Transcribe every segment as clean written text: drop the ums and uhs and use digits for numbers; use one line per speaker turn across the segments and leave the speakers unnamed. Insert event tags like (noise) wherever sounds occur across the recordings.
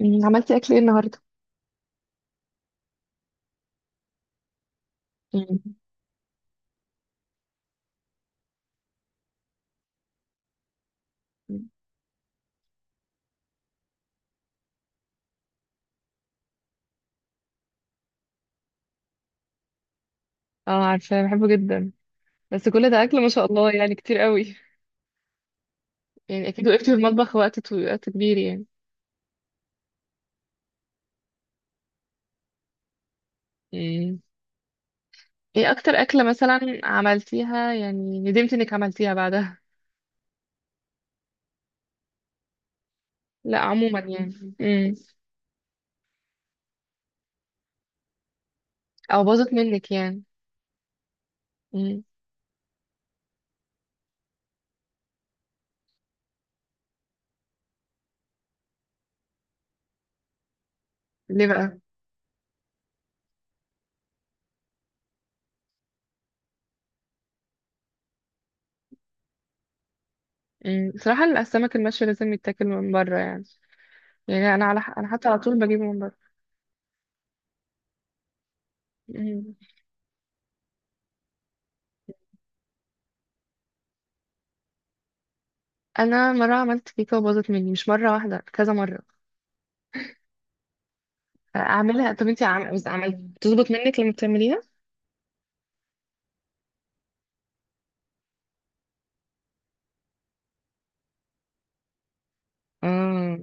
عملتي اكل ايه النهارده؟ مم. اه، عارفة بحبه جدا. بس كل ده أكل ما شاء الله، يعني كتير قوي. يعني أكيد وقفتي في المطبخ وقت طويل، وقت كبير يعني. مم. ايه أكتر أكلة مثلا عملتيها يعني ندمت إنك عملتيها بعدها؟ لا، عموما يعني. مم. أو باظت منك يعني؟ مم. ليه بقى؟ مم. بصراحة السمك المشوي لازم يتاكل من بره يعني. يعني أنا حتى على طول بجيبه من بره. مم. أنا مرة عملت كيكة وباظت مني، مش مرة واحدة، كذا مرة. اعملها، بس عملت بتظبط منك لما بتعمليها؟ اه.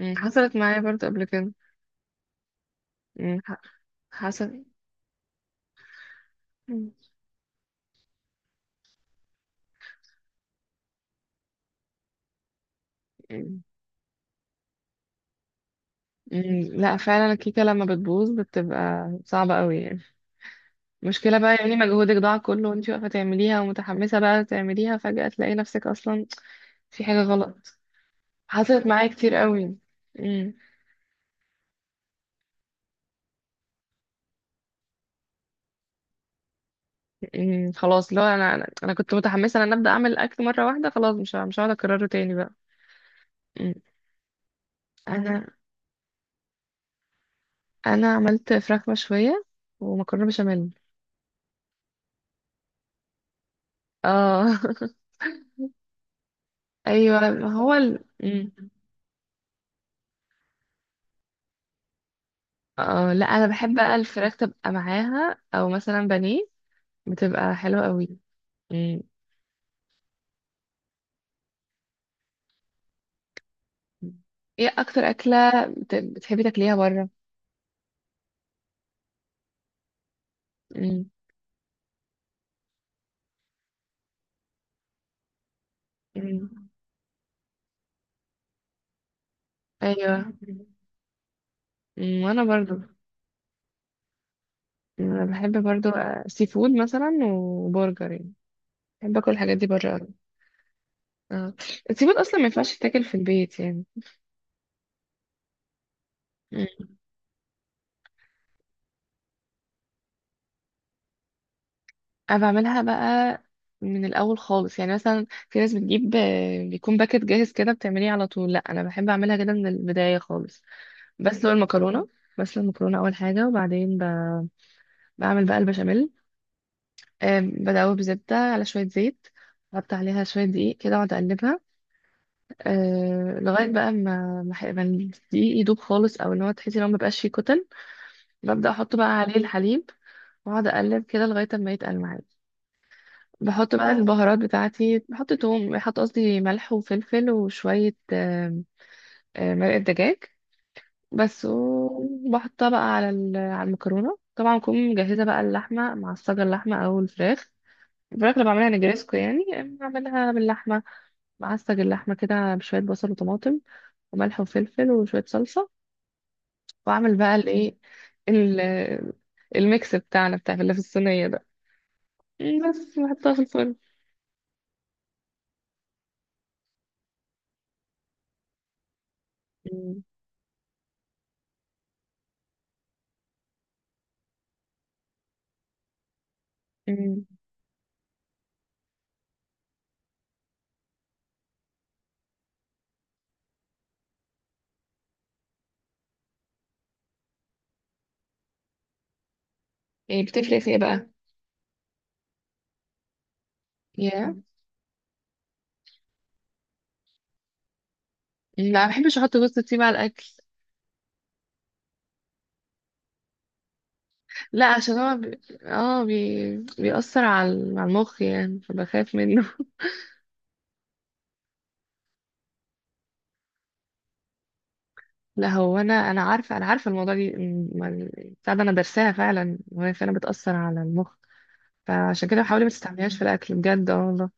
حصلت معايا برضه قبل كده. أمم، ح- حصل. أمم، أمم، لا، فعلا الكيكه لما بتبوظ بتبقى صعبه قوي يعني. المشكله بقى يعني مجهودك ضاع كله وانت واقفه تعمليها ومتحمسه بقى تعمليها، فجاه تلاقي نفسك اصلا في حاجه غلط. حصلت معايا كتير قوي. أمم، أمم، خلاص، لو انا أنا كنت متحمسه ان انا ابدا اعمل الاكل مره واحده، خلاص مش هقعد اكرره تاني بقى. أمم، انا انا عملت فراخ مشويه ومكرونه بشاميل. اه. (laughs) ايوه، ما هو مم. اه، لا، انا بحب بقى الفراخ تبقى معاها، او مثلا بانيه، بتبقى حلوه قوي. مم. ايه اكتر اكله بتحبي تاكليها بره؟ مم. مم. ايوه. مم. وانا برضو، انا بحب برضو سي فود مثلا وبرجر يعني. بحب اكل الحاجات دي بره قوي. اه. السي فود اصلا ما ينفعش تاكل في البيت يعني. مم. انا بعملها بقى من الاول خالص، يعني مثلا في ناس بتجيب بيكون باكت جاهز كده بتعمليه على طول. لا، انا بحب اعملها كده من البدايه خالص. بسلق المكرونه بسلق المكرونه اول حاجه، وبعدين بعمل بقى البشاميل. بدوب بزبده على شويه زيت، بحط عليها شويه دقيق كده واقعد اقلبها. أه، لغايه بقى ما الدقيق يدوب خالص، او ان هو تحسي ان هو مبقاش فيه كتل. ببدا احط بقى عليه الحليب، واقعد اقلب كده لغايه ما يتقل معايا. بحط بقى البهارات بتاعتي، بحط توم، بحط قصدي ملح وفلفل، وشوية آم، آم، مرقة دجاج بس. وبحطها بقى على المكرونة. طبعا أكون مجهزة بقى اللحمة معصجة، اللحمة أو الفراخ. الفراخ اللي بعملها نجريسكو يعني بعملها باللحمة، بعصج اللحمة كده بشوية بصل وطماطم وملح وفلفل وشوية صلصة، وأعمل بقى الإيه، ال- الميكس بتاعنا بتاع اللي في الصينية ده، بس بحطها في الفرن. م- م. إيه بتفرق في إيه بقى؟ ياه. لا، ما بحبش احط جوز الطيب على الاكل. لا، عشان هو اه، بيأثر على على المخ يعني، فبخاف منه. (laughs) لا، هو انا عارفه الموضوع دي بتاع ده. انا درساها فعلا، وهي فعلا بتأثر على المخ، فعشان كده بحاول ما تستعملهاش في الاكل بجد. اه، والله.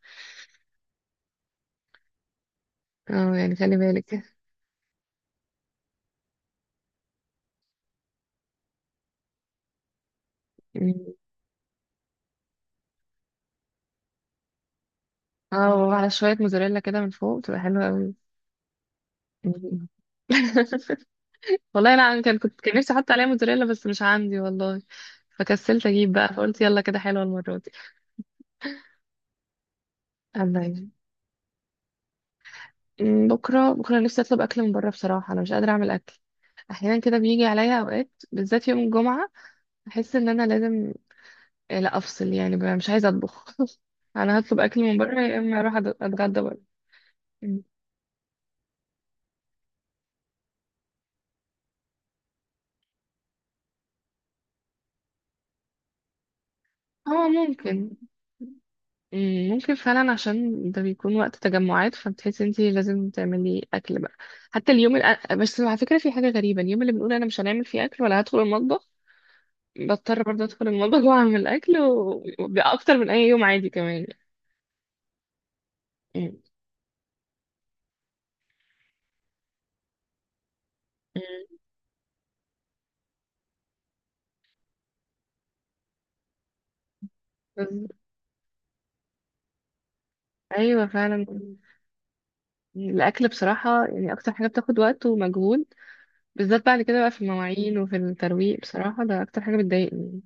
اه، يعني خلي بالك. م. اه، وعلى شويه موزاريلا كده من فوق بتبقى حلوه قوي. م. (laughs) والله انا كان نفسي احط عليها موزاريلا بس مش عندي والله، فكسلت اجيب بقى، فقلت يلا كده حلوه المره دي. الله. بكرة، بكرة نفسي أطلب أكل من بره بصراحة، أنا مش قادرة أعمل أكل. أحيانا كده بيجي عليا أوقات، بالذات يوم الجمعة أحس إن أنا لازم لا، أفصل يعني بقى، مش عايزة أطبخ. (laughs) أنا هطلب أكل من بره، يا إما أروح أتغدى بره. أمم. هو ممكن. ممكن فعلا، عشان ده بيكون وقت تجمعات، فبتحسي انتي لازم تعملي أكل بقى. بس على فكرة في حاجة غريبة، اليوم اللي بنقول أنا مش هنعمل فيه أكل ولا هدخل المطبخ، بضطر برضه أدخل المطبخ (laughs) وأعمل أكل، وبيبقى أكتر من أي يوم عادي كمان. أمم. بز- ايوه، فعلا. الاكل بصراحه يعني اكتر حاجه بتاخد وقت ومجهود، بالذات بعد كده بقى في المواعين وفي الترويق، بصراحه ده اكتر حاجه بتضايقني.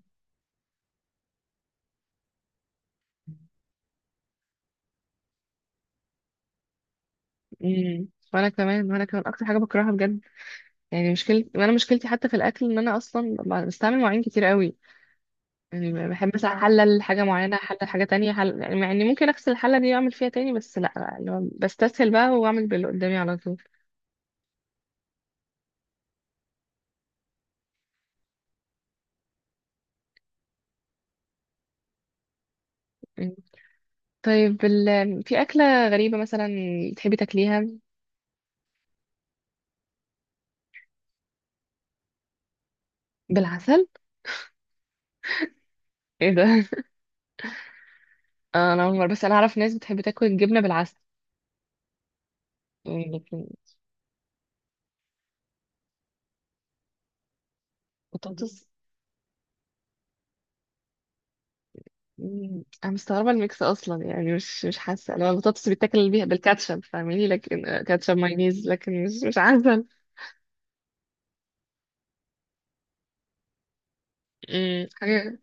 امم. وانا كمان، وانا كمان اكتر حاجه بكرهها بجد. يعني وانا مشكلتي حتى في الاكل، ان انا اصلا بستعمل مواعين كتير قوي. يعني بحب مثلا احلل حاجه معينه، احلل حاجه تانية، يعني مع اني ممكن اغسل الحله دي واعمل فيها تاني، بس لا، اللي هو بستسهل بقى واعمل باللي قدامي على طول. مم. طيب، في اكله غريبه مثلا تحبي تاكليها؟ بالعسل؟ ايه ده؟ (laughs) انا اول مره، بس انا اعرف ناس بتحب تاكل الجبنه بالعسل، يعني، لكن بطاطس؟ انا مستغربه الميكس اصلا، يعني مش حاسه، لو البطاطس بيتاكل بيها بالكاتشب فاهماني، لكن كاتشب، مايونيز، لكن مش عسل. مم، حاجه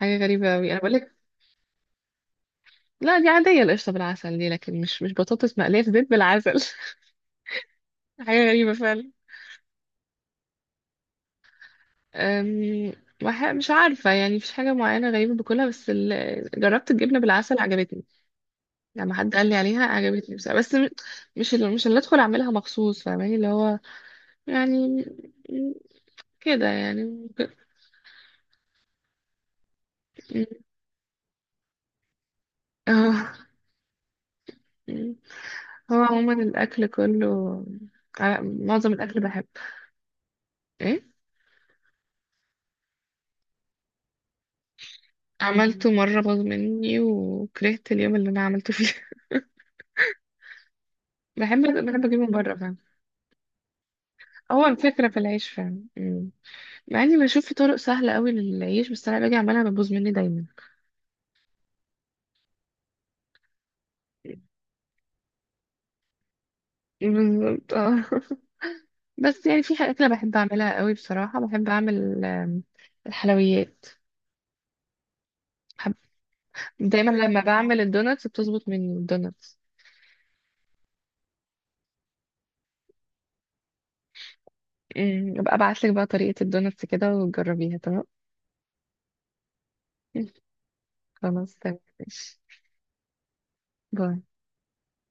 حاجه غريبه قوي انا بقول لك. لا، دي عاديه، القشطه بالعسل دي، لكن مش بطاطس مقليه في زيت بالعسل. (laughs) حاجه غريبه فعلا. أم، مش عارفه، يعني مفيش حاجه معينه غريبه باكلها، بس جربت الجبنه بالعسل عجبتني، لما حد قال لي عليها عجبتني بس مش اللي ادخل اعملها مخصوص، فاهماني، اللي هو يعني، م- كده يعني م- اه م- هو عموما الاكل كله معظم الاكل بحب. ايه؟ عملته مره، باظ مني وكرهت اليوم اللي انا عملته فيه. (laughs) بحب بحب اجيبه من بره، فاهم. هو الفكره في العيش، فاهم. م. مع اني بشوف في طرق سهله قوي للعيش، بس انا باجي اعملها بتبوظ مني دايما. بالظبط. اه. بس يعني في حاجات انا بحب اعملها قوي بصراحه، بحب اعمل الحلويات. بحب- دايما لما بعمل الدوناتس بتظبط، من الدوناتس. ابقى ابعت لك بقى طريقه الدوناتس كده وتجربيها. تمام. (laughs) خلاص، تمام، ماشي. باي.